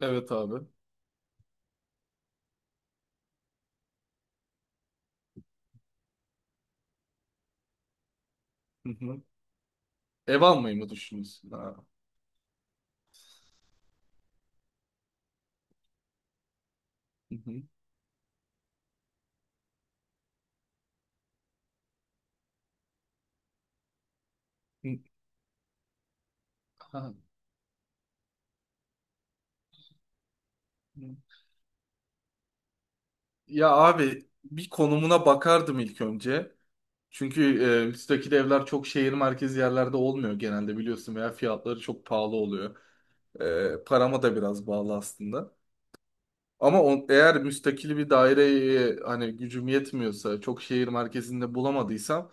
Evet abi. Hı hı. Ev almayı mı düşünüyorsun? Ha. Hı hı. Hı. Ha. Hı. Ya abi bir konumuna bakardım ilk önce. Çünkü müstakil evler çok şehir merkezi yerlerde olmuyor genelde biliyorsun veya fiyatları çok pahalı oluyor. Parama da biraz bağlı aslında. Ama eğer müstakil bir daireye hani gücüm yetmiyorsa çok şehir merkezinde bulamadıysam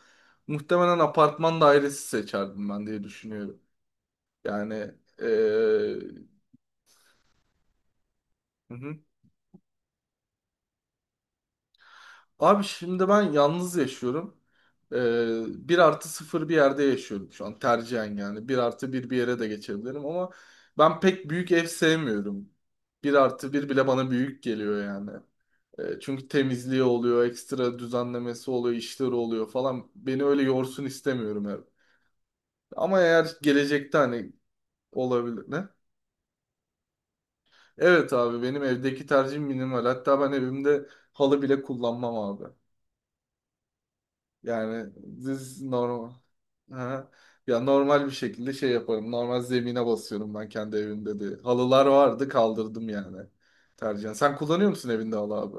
muhtemelen apartman dairesi seçerdim ben diye düşünüyorum. Yani. e, Hı hı. Abi şimdi ben yalnız yaşıyorum. 1 artı sıfır bir yerde yaşıyorum şu an tercihen yani. Bir artı bir bir yere de geçebilirim ama ben pek büyük ev sevmiyorum. Bir artı bir bile bana büyük geliyor yani. Çünkü temizliği oluyor, ekstra düzenlemesi oluyor, işleri oluyor falan. Beni öyle yorsun istemiyorum ev. Ama eğer gelecekte hani olabilir ne? Evet abi benim evdeki tercihim minimal. Hatta ben evimde halı bile kullanmam abi. Yani düz normal. Ha. Ya normal bir şekilde şey yaparım. Normal zemine basıyorum ben kendi evimde de. Halılar vardı kaldırdım yani. Tercihen. Sen kullanıyor musun evinde halı abi?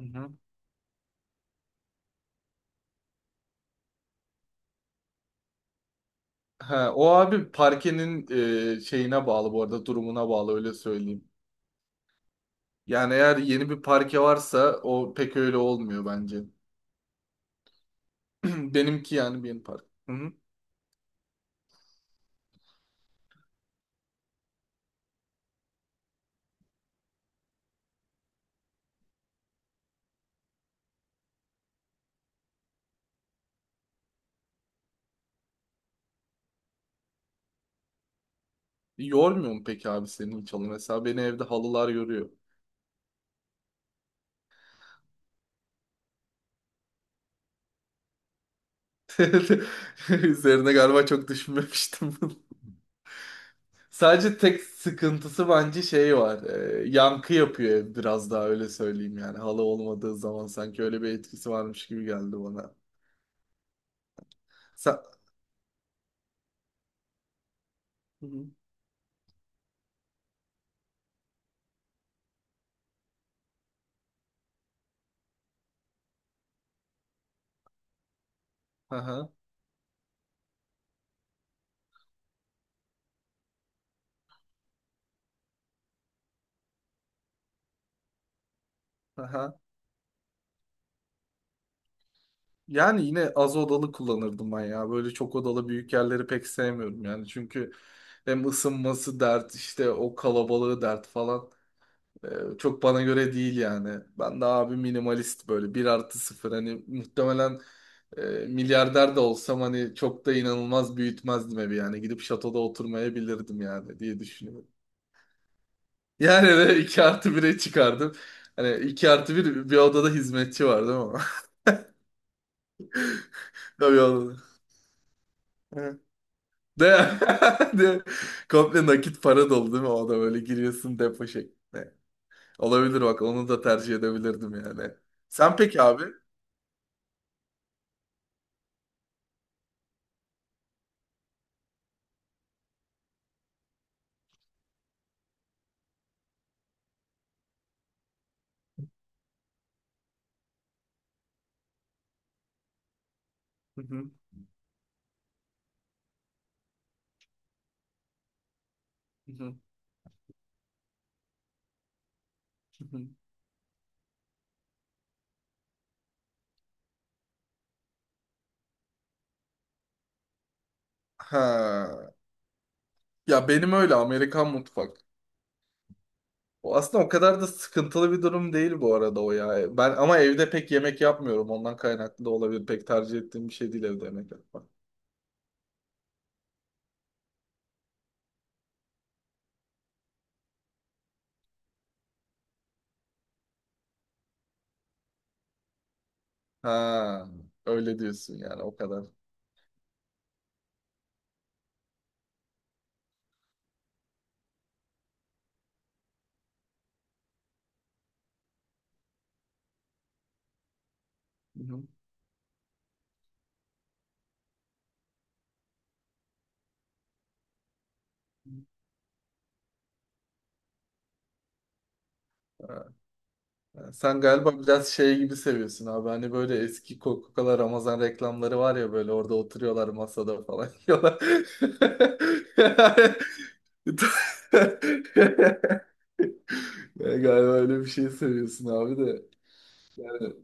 Hı hı. Ha, o abi parkenin şeyine bağlı bu arada durumuna bağlı öyle söyleyeyim. Yani eğer yeni bir parke varsa o pek öyle olmuyor bence. Benimki yani benim park. Hı hı. Yormuyor mu peki abi senin hiç halı? Mesela beni evde halılar yoruyor. Üzerine galiba çok düşünmemiştim. Sadece tek sıkıntısı bence şey var. Yankı yapıyor ev biraz daha öyle söyleyeyim yani. Halı olmadığı zaman sanki öyle bir etkisi varmış gibi geldi bana. Sa Hı hı. Aha, aha. Yani yine az odalı kullanırdım ben ya. Böyle çok odalı büyük yerleri pek sevmiyorum yani. Çünkü hem ısınması dert işte o kalabalığı dert falan. Çok bana göre değil yani. Ben de abi minimalist böyle bir artı sıfır hani muhtemelen e, milyarder de olsam hani çok da inanılmaz büyütmezdim evi yani. Gidip şatoda oturmayabilirdim yani diye düşünüyorum. Yani de 2 artı 1'e çıkardım. Hani 2 artı 1 bir odada hizmetçi var değil mi? Tabii odada. Evet. De, de, komple nakit para dolu değil mi? O da böyle giriyorsun depo şeklinde. Olabilir bak onu da tercih edebilirdim yani. Sen peki abi? Hı hı. Hı hı. Ha. Ya benim öyle Amerikan mutfak. O aslında o kadar da sıkıntılı bir durum değil bu arada o ya. Ben ama evde pek yemek yapmıyorum. Ondan kaynaklı da olabilir. Pek tercih ettiğim bir şey değil evde yemek yapmak. Ha. Öyle diyorsun yani o kadar. Hı hı. Ha. Sen galiba biraz şey gibi seviyorsun abi. Hani böyle eski Coca-Cola Ramazan reklamları var ya böyle orada oturuyorlar masada falan yiyorlar. Ben galiba öyle bir şey seviyorsun abi de. Yani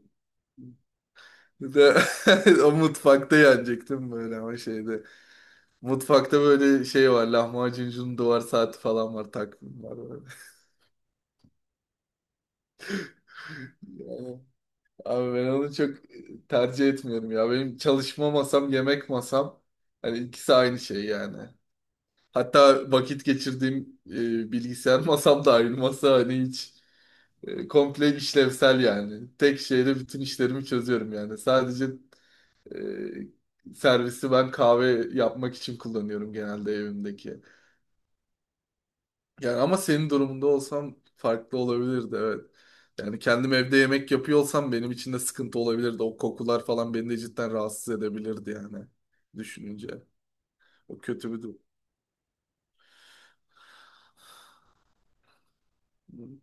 bir de o mutfakta yenecektim böyle ama şeyde. Mutfakta böyle şey var. Lahmacuncunun duvar saati falan var. Takvim var böyle. Yani, abi ben onu çok tercih etmiyorum ya. Benim çalışma masam, yemek masam. Hani ikisi aynı şey yani. Hatta vakit geçirdiğim bilgisayar masam da aynı masa. Hani hiç komple işlevsel yani. Tek şeyle bütün işlerimi çözüyorum yani. Sadece servisi ben kahve yapmak için kullanıyorum genelde evimdeki. Yani ama senin durumunda olsam farklı olabilirdi evet. Yani kendim evde yemek yapıyor olsam benim için de sıkıntı olabilirdi. O kokular falan beni de cidden rahatsız edebilirdi yani düşününce. O kötü bir durum. Hı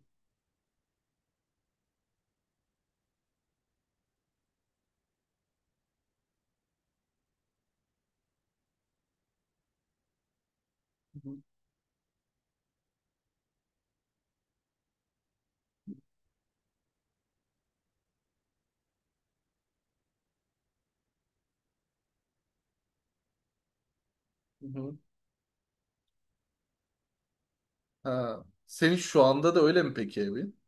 hı, hı hı. Ha. Senin şu anda da öyle mi peki evin?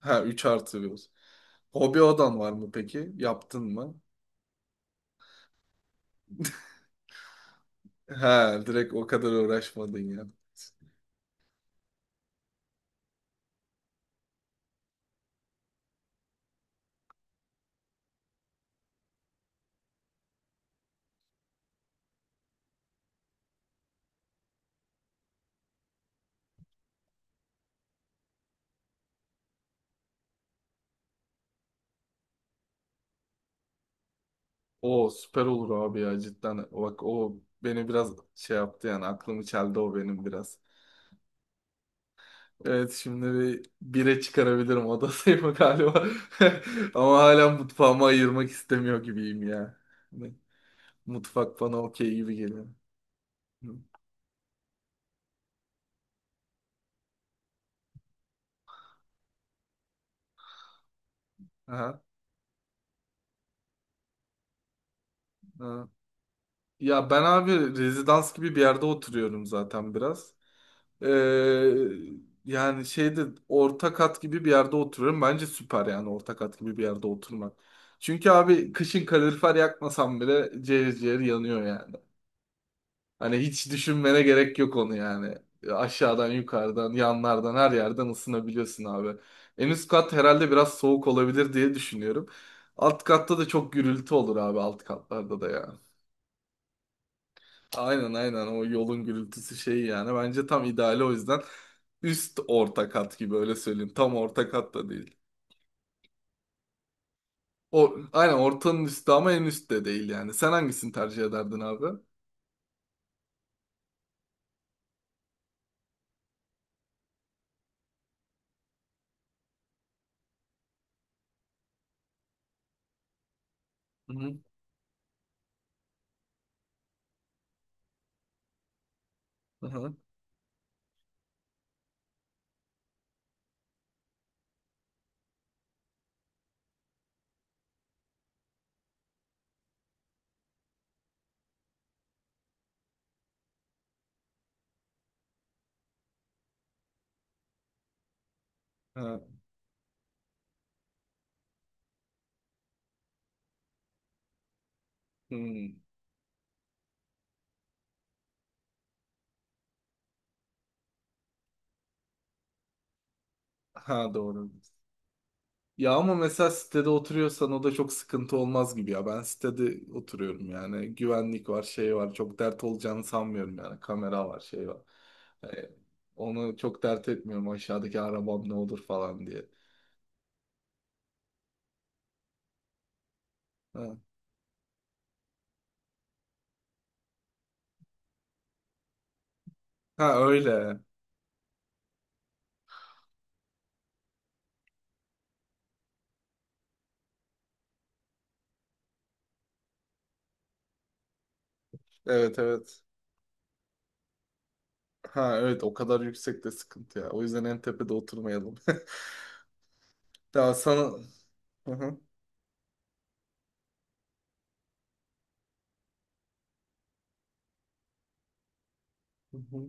Ha 3 artı bir olsun. Hobi odan var mı peki? Yaptın mı? Ha direkt o kadar uğraşmadın ya. O süper olur abi ya cidden. Bak o beni biraz şey yaptı yani aklımı çeldi o benim biraz. Evet şimdi bir bire çıkarabilirim oda sayımı galiba. Ama hala mutfağımı ayırmak istemiyor gibiyim ya. Hani mutfak bana okey gibi geliyor. Hı. Aha. Aha. Ya ben abi rezidans gibi bir yerde oturuyorum zaten biraz. Ee, Yani şeyde orta kat gibi bir yerde oturuyorum. Bence süper yani orta kat gibi bir yerde oturmak. Çünkü abi kışın kalorifer yakmasam bile ciğer ciğer yanıyor yani. Hani hiç düşünmene gerek yok onu yani. Aşağıdan, yukarıdan, yanlardan her yerden ısınabiliyorsun abi. En üst kat herhalde biraz soğuk olabilir diye düşünüyorum. Alt katta da çok gürültü olur abi alt katlarda da ya. Aynen aynen o yolun gürültüsü şeyi yani bence tam ideali o yüzden üst orta kat gibi öyle söyleyeyim tam orta kat da değil. O, aynen ortanın üstü ama en üst de değil yani. Sen hangisini tercih ederdin abi? Hı-hı. Hı-hı. Ha, hmm. Ha, doğru. Ya ama mesela sitede oturuyorsan o da çok sıkıntı olmaz gibi ya. Ben sitede oturuyorum yani. Güvenlik var, şey var. Çok dert olacağını sanmıyorum yani. Kamera var, şey var. Ee, Onu çok dert etmiyorum aşağıdaki arabam ne olur falan diye. Ha öyle. Evet evet. Ha evet o kadar yüksekte sıkıntı ya. O yüzden en tepede oturmayalım. Ya sana Hı hı. Hı hı.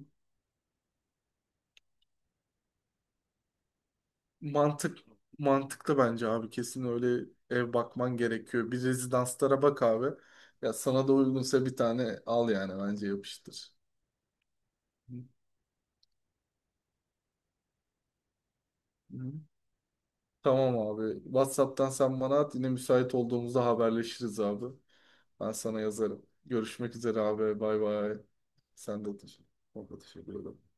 mantık mantıklı bence abi. Kesin öyle ev bakman gerekiyor. Bir rezidanslara bak abi. Ya sana da uygunsa bir tane al yani bence yapıştır. Hı hı. Tamam abi. WhatsApp'tan sen bana at. Yine müsait olduğumuzda haberleşiriz abi. Ben sana yazarım. Görüşmek üzere abi. Bay bay. Sen de teşekkür, ben de teşekkür ederim.